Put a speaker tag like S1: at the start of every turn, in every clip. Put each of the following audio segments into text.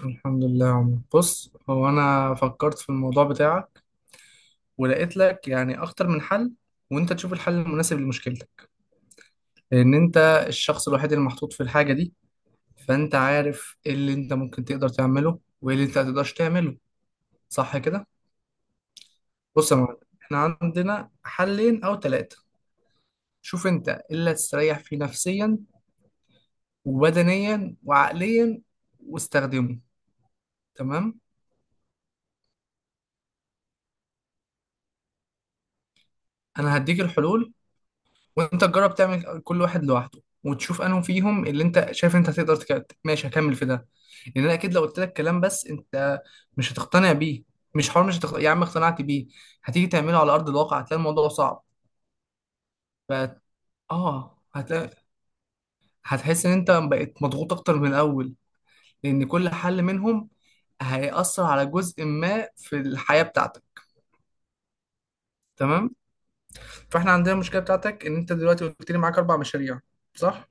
S1: الحمد لله يا عمر، بص. هو انا فكرت في الموضوع بتاعك ولقيت لك يعني اكتر من حل، وانت تشوف الحل المناسب لمشكلتك، لان انت الشخص الوحيد اللي محطوط في الحاجه دي. فانت عارف ايه اللي انت ممكن تقدر تعمله وايه اللي انت ما تقدرش تعمله. صح كده؟ بص يا معلم، احنا عندنا حلين او ثلاثه. شوف انت إيه اللي هتستريح فيه نفسيا وبدنيا وعقليا واستخدمه. تمام. انا هديك الحلول، وانت تجرب تعمل كل واحد لوحده وتشوف انهم فيهم اللي انت شايف انت هتقدر ماشي، هكمل في ده. لان انا اكيد لو قلت لك كلام بس انت مش هتقتنع بيه. مش حوار مش هتق... يا عم اقتنعت بيه، هتيجي تعمله على ارض الواقع هتلاقي الموضوع صعب. ف... اه هتلاقي، هتحس ان انت بقيت مضغوط اكتر من الاول. لان كل حل منهم هيأثر على جزء ما في الحياة بتاعتك. تمام. فاحنا عندنا المشكلة بتاعتك ان انت دلوقتي قلت لي معاك اربع مشاريع، صح.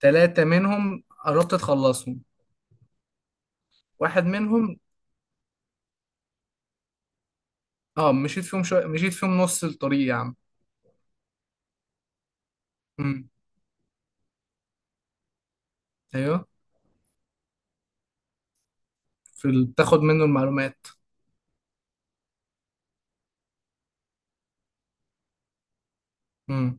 S1: ثلاثة منهم قربت تخلصهم، واحد منهم، اه، مشيت فيهم شويه، مشيت فيهم نص الطريق يا عم. امم. ايوه. بتاخد منه المعلومات. امم.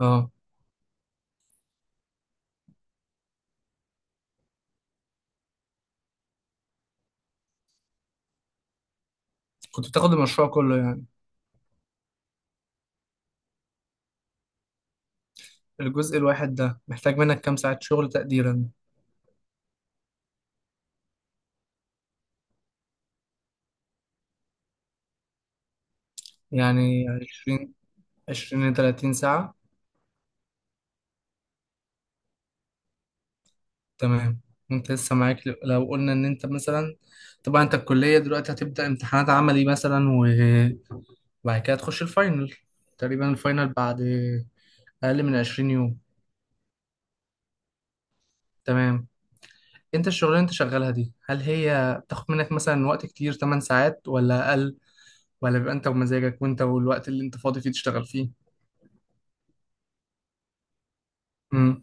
S1: اه، كنت بتاخد المشروع كله يعني. الجزء الواحد ده محتاج منك كام ساعة شغل تقديرا؟ يعني 20 ل 30 ساعة. تمام. وانت لسه معاك، لو قلنا ان انت مثلا، طبعا انت الكلية دلوقتي هتبدأ امتحانات عملي مثلا، وبعد كده تخش الفاينل. تقريبا الفاينل بعد اقل من 20 يوم. تمام. انت الشغلانه اللي انت شغالها دي هل هي بتاخد منك مثلا وقت كتير، 8 ساعات ولا اقل؟ ولا بيبقى انت ومزاجك وانت والوقت اللي انت فاضي فيه تشتغل فيه؟ امم.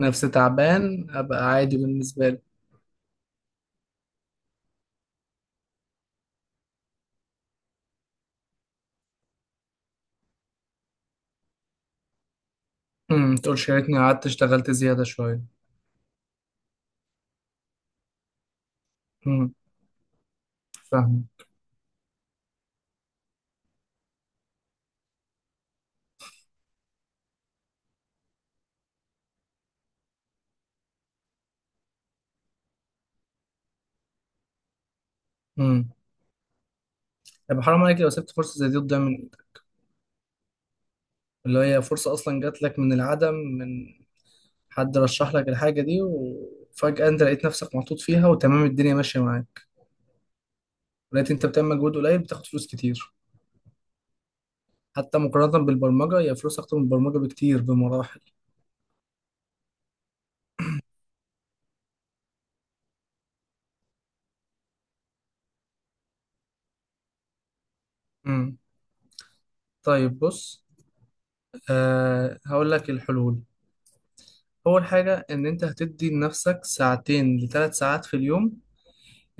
S1: نفس تعبان ابقى عادي بالنسبه لي. امم، تقولش يا ريتني قعدت اشتغلت زياده شويه. امم، فاهم. امم. طب حرام عليك لو سبت فرصه زي دي تضيع من ايدك. اللي هي فرصه اصلا جات لك من العدم، من حد رشح لك الحاجه دي وفجاه انت لقيت نفسك محطوط فيها وتمام الدنيا ماشيه معاك. لقيت انت بتعمل مجهود قليل بتاخد فلوس كتير. حتى مقارنة بالبرمجة، هي فلوس أكتر من البرمجة بكتير بمراحل. امم. طيب بص، أه هقول لك الحلول. أول حاجة إن أنت هتدي لنفسك ساعتين لثلاث ساعات في اليوم.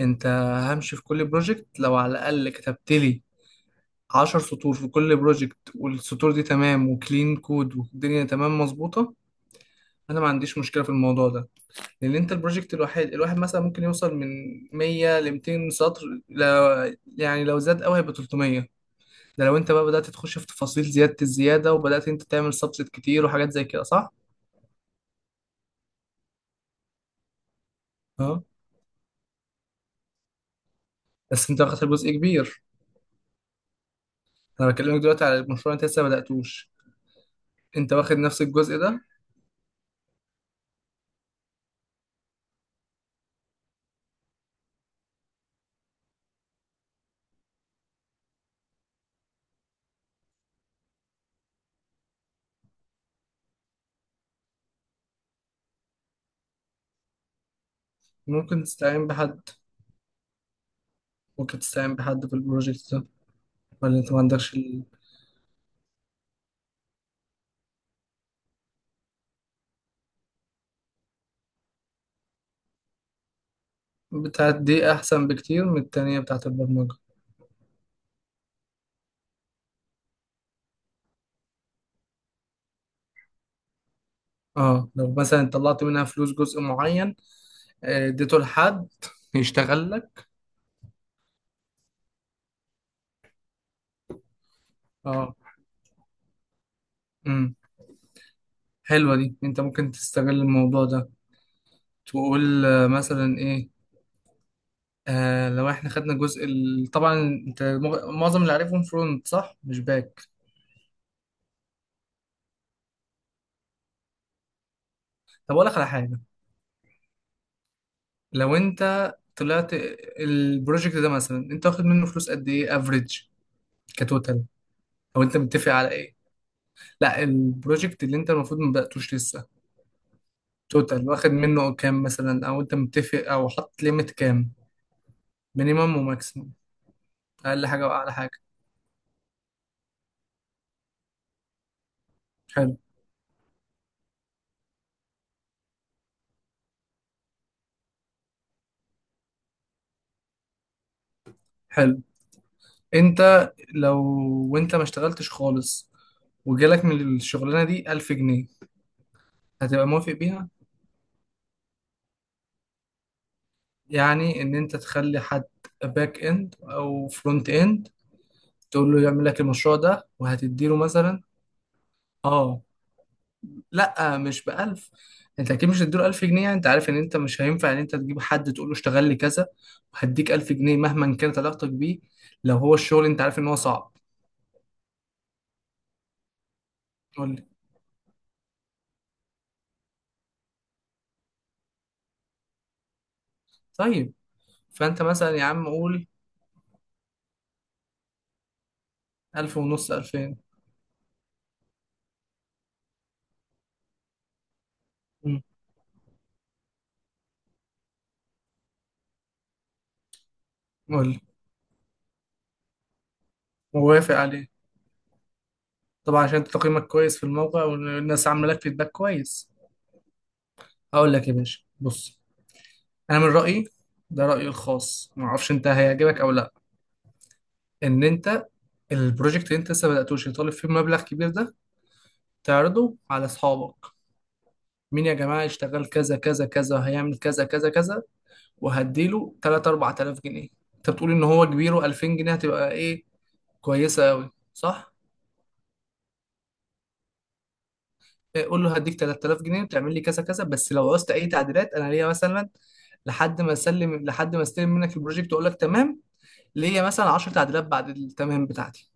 S1: أنت همشي في كل بروجكت، لو على الأقل كتبت لي عشر سطور في كل بروجكت والسطور دي تمام وكلين كود والدنيا تمام مظبوطة، أنا ما عنديش مشكلة في الموضوع ده. لأن أنت البروجكت الواحد الواحد مثلا ممكن يوصل من 100 ل 200 سطر. لا يعني لو زاد قوي هيبقى 300. ده لو انت بقى بدأت تخش في تفاصيل زيادة الزيادة وبدأت انت تعمل سبسيت كتير وحاجات زي كده، صح؟ اه، بس انت واخد جزء كبير. انا بكلمك دلوقتي على المشروع انت لسه ما بدأتوش، انت واخد نفس الجزء ده. ممكن تستعين بحد؟ ممكن تستعين بحد في البروجكت ده، ولا انت ما عندكش بتاعت دي احسن بكتير من التانية بتاعت البرمجة؟ اه، لو مثلا طلعت منها فلوس جزء معين، آه، اديته لحد يشتغل لك. اه. امم. حلوة دي، انت ممكن تستغل الموضوع ده. تقول آه، مثلا ايه، آه لو احنا خدنا جزء طبعا انت معظم اللي عارفهم فرونت، صح، مش باك. طب اقول لك على حاجه. لو انت طلعت البروجكت ده مثلا، انت واخد منه فلوس قد ايه افريج كتوتال؟ او انت متفق على ايه؟ لا البروجكت اللي انت المفروض ما بداتوش لسه، توتال واخد منه كام مثلا، او انت متفق او حاطط ليميت كام، مينيمم وماكسيمم، اقل حاجه واعلى حاجه. حلو. حلو. انت لو، وانت ما اشتغلتش خالص، وجالك من الشغلانه دي 1000 جنيه، هتبقى موافق بيها؟ يعني ان انت تخلي حد، باك اند او فرونت اند، تقول له يعمل لك المشروع ده وهتديله مثلا. اه، لا مش ب 1000. انت اكيد مش هتديله 1000 جنيه. يعني انت عارف ان انت مش هينفع ان انت تجيب حد تقول له اشتغل لي كذا وهديك 1000 جنيه مهما كانت علاقتك بيه. لو هو الشغل انت عارف ان هو صعب. قول لي. طيب، فانت مثلا يا عم قول 1000 ونص، 2000. مم. قول لي. موافق عليه. طبعا عشان انت تقييمك كويس في الموقع والناس عامله لك فيدباك كويس. هقول لك يا باشا، بص، انا من رايي، ده رايي الخاص ما اعرفش انت هيعجبك او لا، ان انت البروجكت اللي انت لسه بداتوش اللي طالب فيه مبلغ كبير ده تعرضه على اصحابك. مين يا جماعه يشتغل كذا كذا كذا، هيعمل كذا كذا كذا، وهديله 3، 4000 جنيه. انت بتقول ان هو كبير و2000 جنيه هتبقى ايه، كويسه قوي، صح؟ إيه، قول له هديك 3000 جنيه وتعمل لي كذا كذا، بس لو عوزت اي تعديلات انا ليا مثلا، لحد ما اسلم، لحد ما استلم منك البروجكت واقول لك تمام، ليا مثلا 10 تعديلات بعد التمام بتاعتي.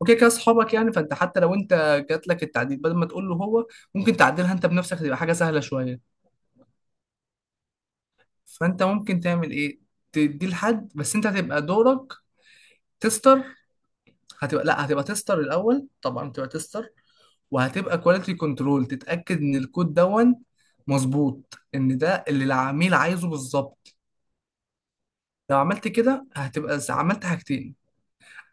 S1: وكده كده اصحابك يعني. فانت حتى لو انت جات لك التعديل بدل ما تقول له هو، ممكن تعدلها انت بنفسك، تبقى حاجه سهله شويه. فانت ممكن تعمل ايه، تدي لحد، بس انت هتبقى دورك تستر. هتبقى، لا، هتبقى تستر الاول طبعا، تبقى تستر، وهتبقى كواليتي كنترول تتاكد ان الكود دون مظبوط، ان ده اللي العميل عايزه بالظبط. لو عملت كده هتبقى عملت حاجتين.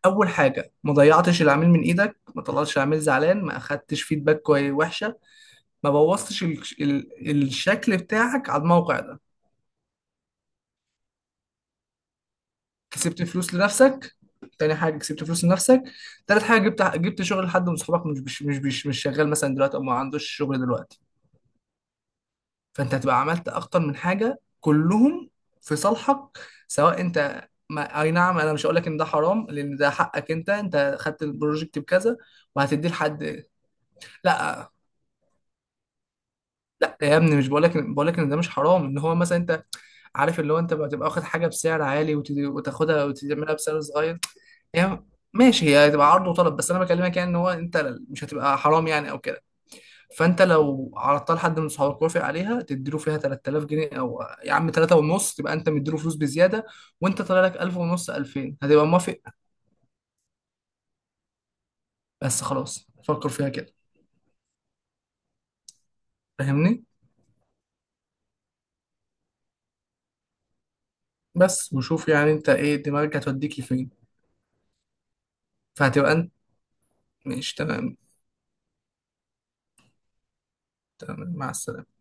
S1: اول حاجه ما ضيعتش العميل من ايدك، ما طلعتش العميل زعلان، ما اخدتش فيدباك كويس وحشه، ما بوظتش الشكل بتاعك على الموقع ده. كسبت فلوس لنفسك. تاني حاجه كسبت فلوس لنفسك. تالت حاجه جبت، جبت شغل لحد من صحابك مش شغال مثلا دلوقتي او ما عندوش شغل دلوقتي. فانت هتبقى عملت اكتر من حاجه كلهم في صالحك. سواء انت ما... اي نعم، انا مش هقول لك ان ده حرام لان ده حقك انت، انت خدت البروجكت بكذا وهتديه لحد. لا لا يا ابني، مش بقولك، بقولك ان ده مش حرام، ان هو مثلا انت عارف اللي هو انت بتبقى واخد حاجه بسعر عالي وتاخدها وتعملها بسعر صغير. هي، ماشي، هي هتبقى عرض وطلب، بس انا بكلمك يعني ان هو انت مش هتبقى حرام يعني او كده. فانت لو عرضتها لحد من صحابك وافق عليها تديله فيها 3000 جنيه او يا عم 3 ونص، تبقى انت مديله فلوس بزياده، وانت طالع لك 1000 ونص، 2000، هتبقى موافق. بس خلاص فكر فيها كده. فاهمني؟ بس وشوف يعني انت ايه دماغك هتوديك لفين. فهتبقى انت، ماشي تمام. تمام، مع السلامه.